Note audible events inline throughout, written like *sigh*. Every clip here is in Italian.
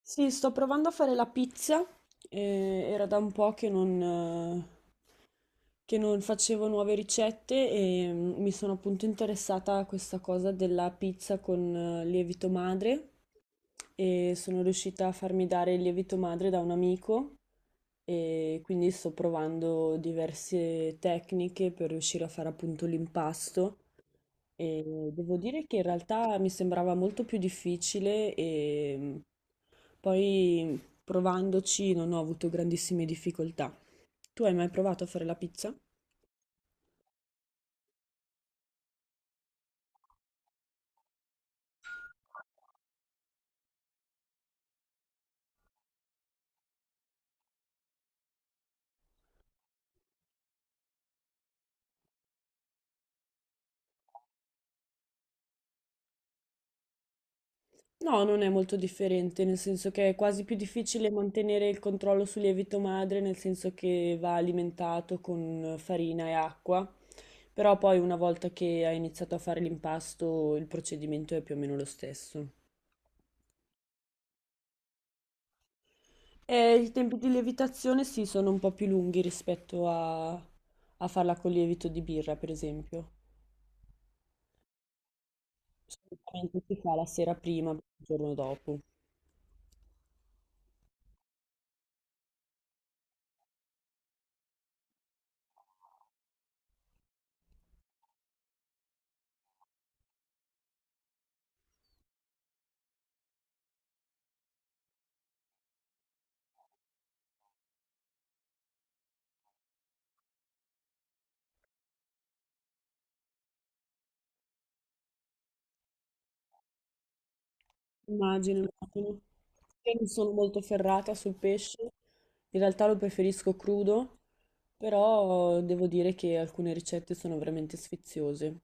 Sì, sto provando a fare la pizza. Era da un po' eh, che non facevo nuove ricette e mi sono appunto interessata a questa cosa della pizza con lievito madre e sono riuscita a farmi dare il lievito madre da un amico e quindi sto provando diverse tecniche per riuscire a fare appunto l'impasto. E devo dire che in realtà mi sembrava molto più difficile e poi provandoci non ho avuto grandissime difficoltà. Tu hai mai provato a fare la pizza? No, non è molto differente, nel senso che è quasi più difficile mantenere il controllo sul lievito madre, nel senso che va alimentato con farina e acqua, però poi una volta che hai iniziato a fare l'impasto il procedimento è più o meno lo stesso. E i tempi di lievitazione sì, sono un po' più lunghi rispetto a farla con lievito di birra, per esempio. Solitamente si fa la sera prima, il giorno dopo. Immagino, immagino. Io non sono molto ferrata sul pesce, in realtà lo preferisco crudo, però devo dire che alcune ricette sono veramente sfiziose.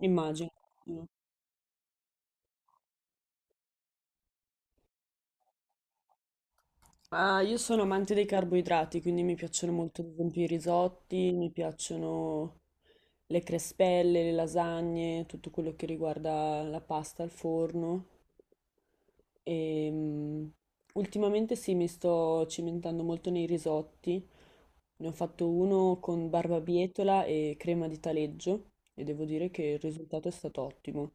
Immagino. Ah, io sono amante dei carboidrati, quindi mi piacciono molto, ad esempio, i risotti, mi piacciono le crespelle, le lasagne, tutto quello che riguarda la pasta al forno. E, ultimamente sì, mi sto cimentando molto nei risotti. Ne ho fatto uno con barbabietola e crema di taleggio e devo dire che il risultato è stato ottimo.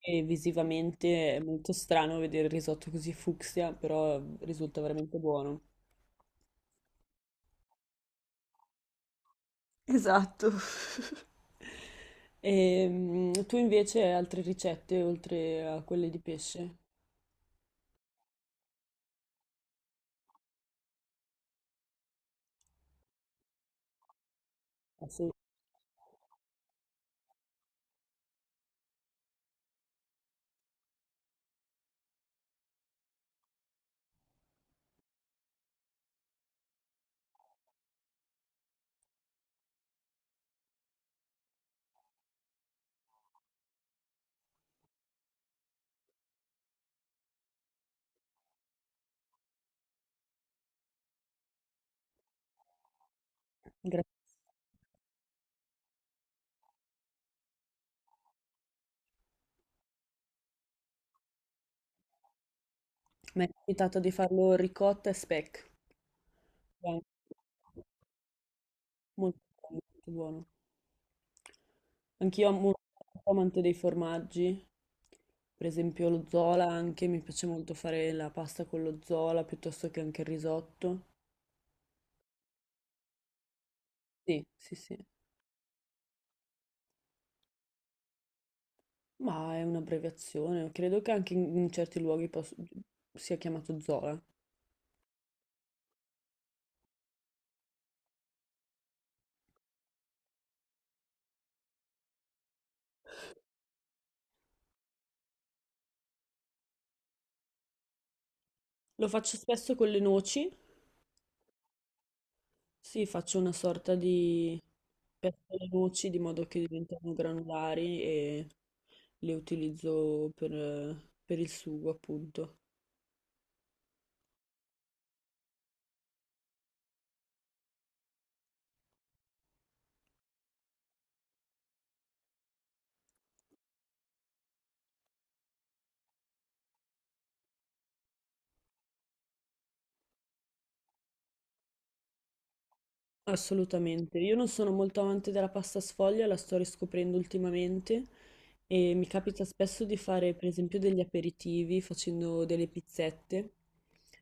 E visivamente è molto strano vedere il risotto così fucsia, però risulta veramente buono. Esatto. *laughs* E tu invece hai altre ricette oltre a quelle di pesce? Ah, sì, grazie. Mi è capitato di farlo ricotta e speck. È molto, buono, molto buono. Anch'io amo molto amante dei formaggi, per esempio lo zola anche, mi piace molto fare la pasta con lo zola piuttosto che anche il risotto. Sì, sì, sì, ma è un'abbreviazione, credo che anche in certi luoghi sia chiamato zola. Lo faccio spesso con le noci, sì, faccio una sorta di pesto alle noci di modo che diventano granulari e le utilizzo per il sugo, appunto. Assolutamente, io non sono molto amante della pasta sfoglia, la sto riscoprendo ultimamente e mi capita spesso di fare per esempio degli aperitivi facendo delle pizzette,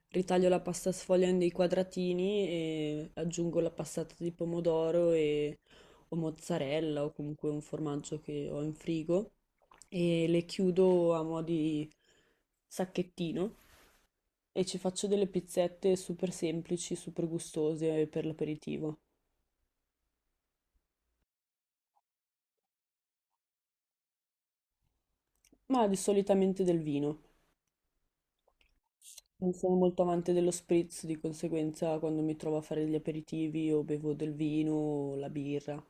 ritaglio la pasta sfoglia in dei quadratini e aggiungo la passata di pomodoro o mozzarella o comunque un formaggio che ho in frigo e le chiudo a mo' di sacchettino e ci faccio delle pizzette super semplici, super gustose per l'aperitivo. Solitamente del vino. Non sono molto amante dello spritz, di conseguenza quando mi trovo a fare gli aperitivi o bevo del vino o la birra.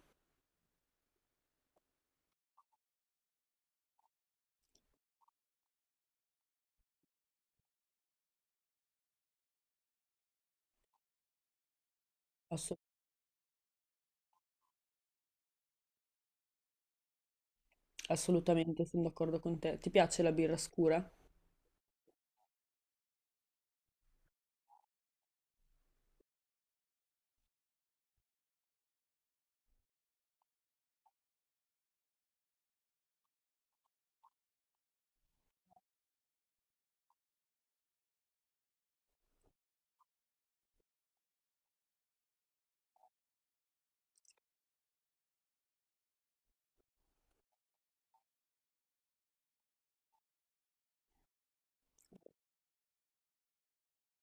Asso- Assolutamente, sono d'accordo con te. Ti piace la birra scura?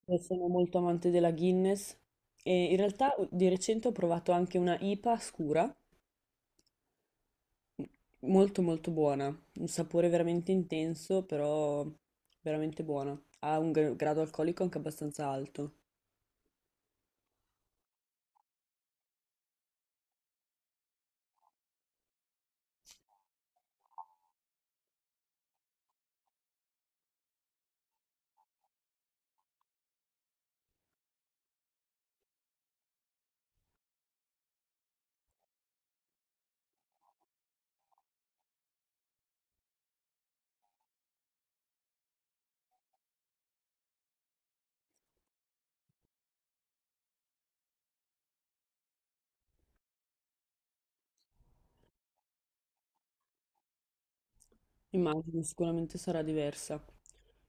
Io sono molto amante della Guinness e in realtà di recente ho provato anche una IPA scura, molto molto buona, un sapore veramente intenso, però veramente buona. Ha un grado alcolico anche abbastanza alto. Immagino, sicuramente sarà diversa.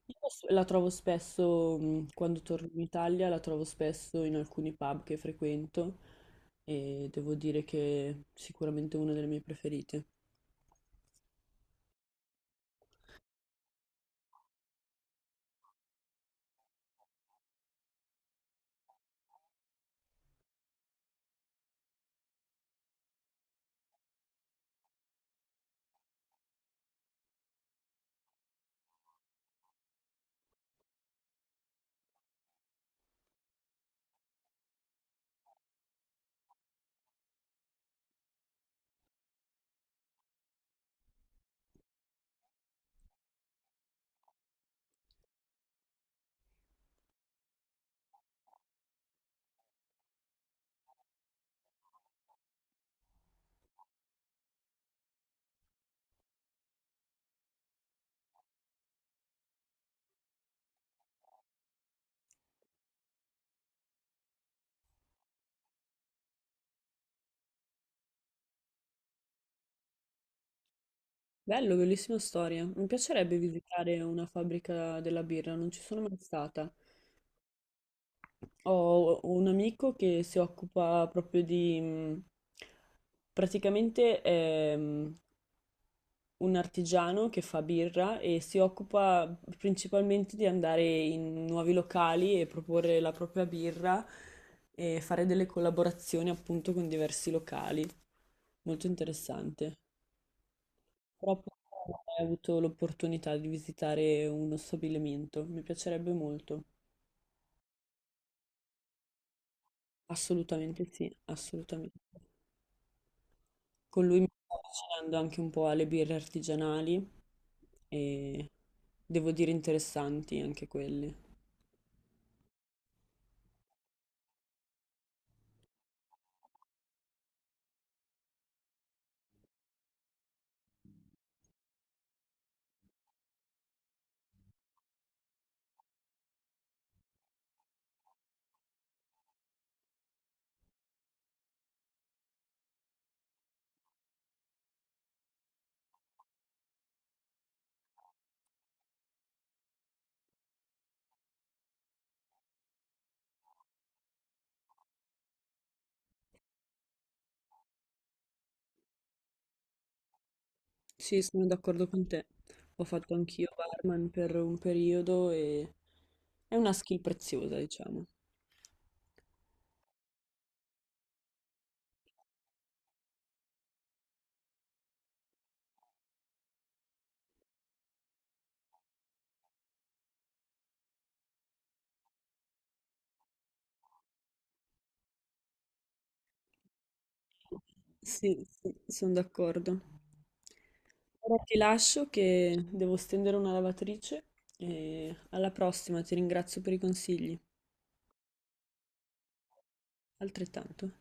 La trovo spesso, quando torno in Italia, la trovo spesso in alcuni pub che frequento e devo dire che è sicuramente una delle mie preferite. Bello, bellissima storia. Mi piacerebbe visitare una fabbrica della birra, non ci sono mai stata. Ho un amico che si occupa proprio di... praticamente un artigiano che fa birra e si occupa principalmente di andare in nuovi locali e proporre la propria birra e fare delle collaborazioni appunto con diversi locali. Molto interessante. Però purtroppo non ho mai avuto l'opportunità di visitare uno stabilimento. Mi piacerebbe molto. Assolutamente sì, assolutamente. Con lui mi sto avvicinando anche un po' alle birre artigianali e devo dire interessanti anche quelle. Sì, sono d'accordo con te. Ho fatto anch'io barman per un periodo e è una skill preziosa, diciamo. Sì, sì, sono d'accordo. Ora ti lascio che devo stendere una lavatrice e alla prossima ti ringrazio per i consigli. Altrettanto.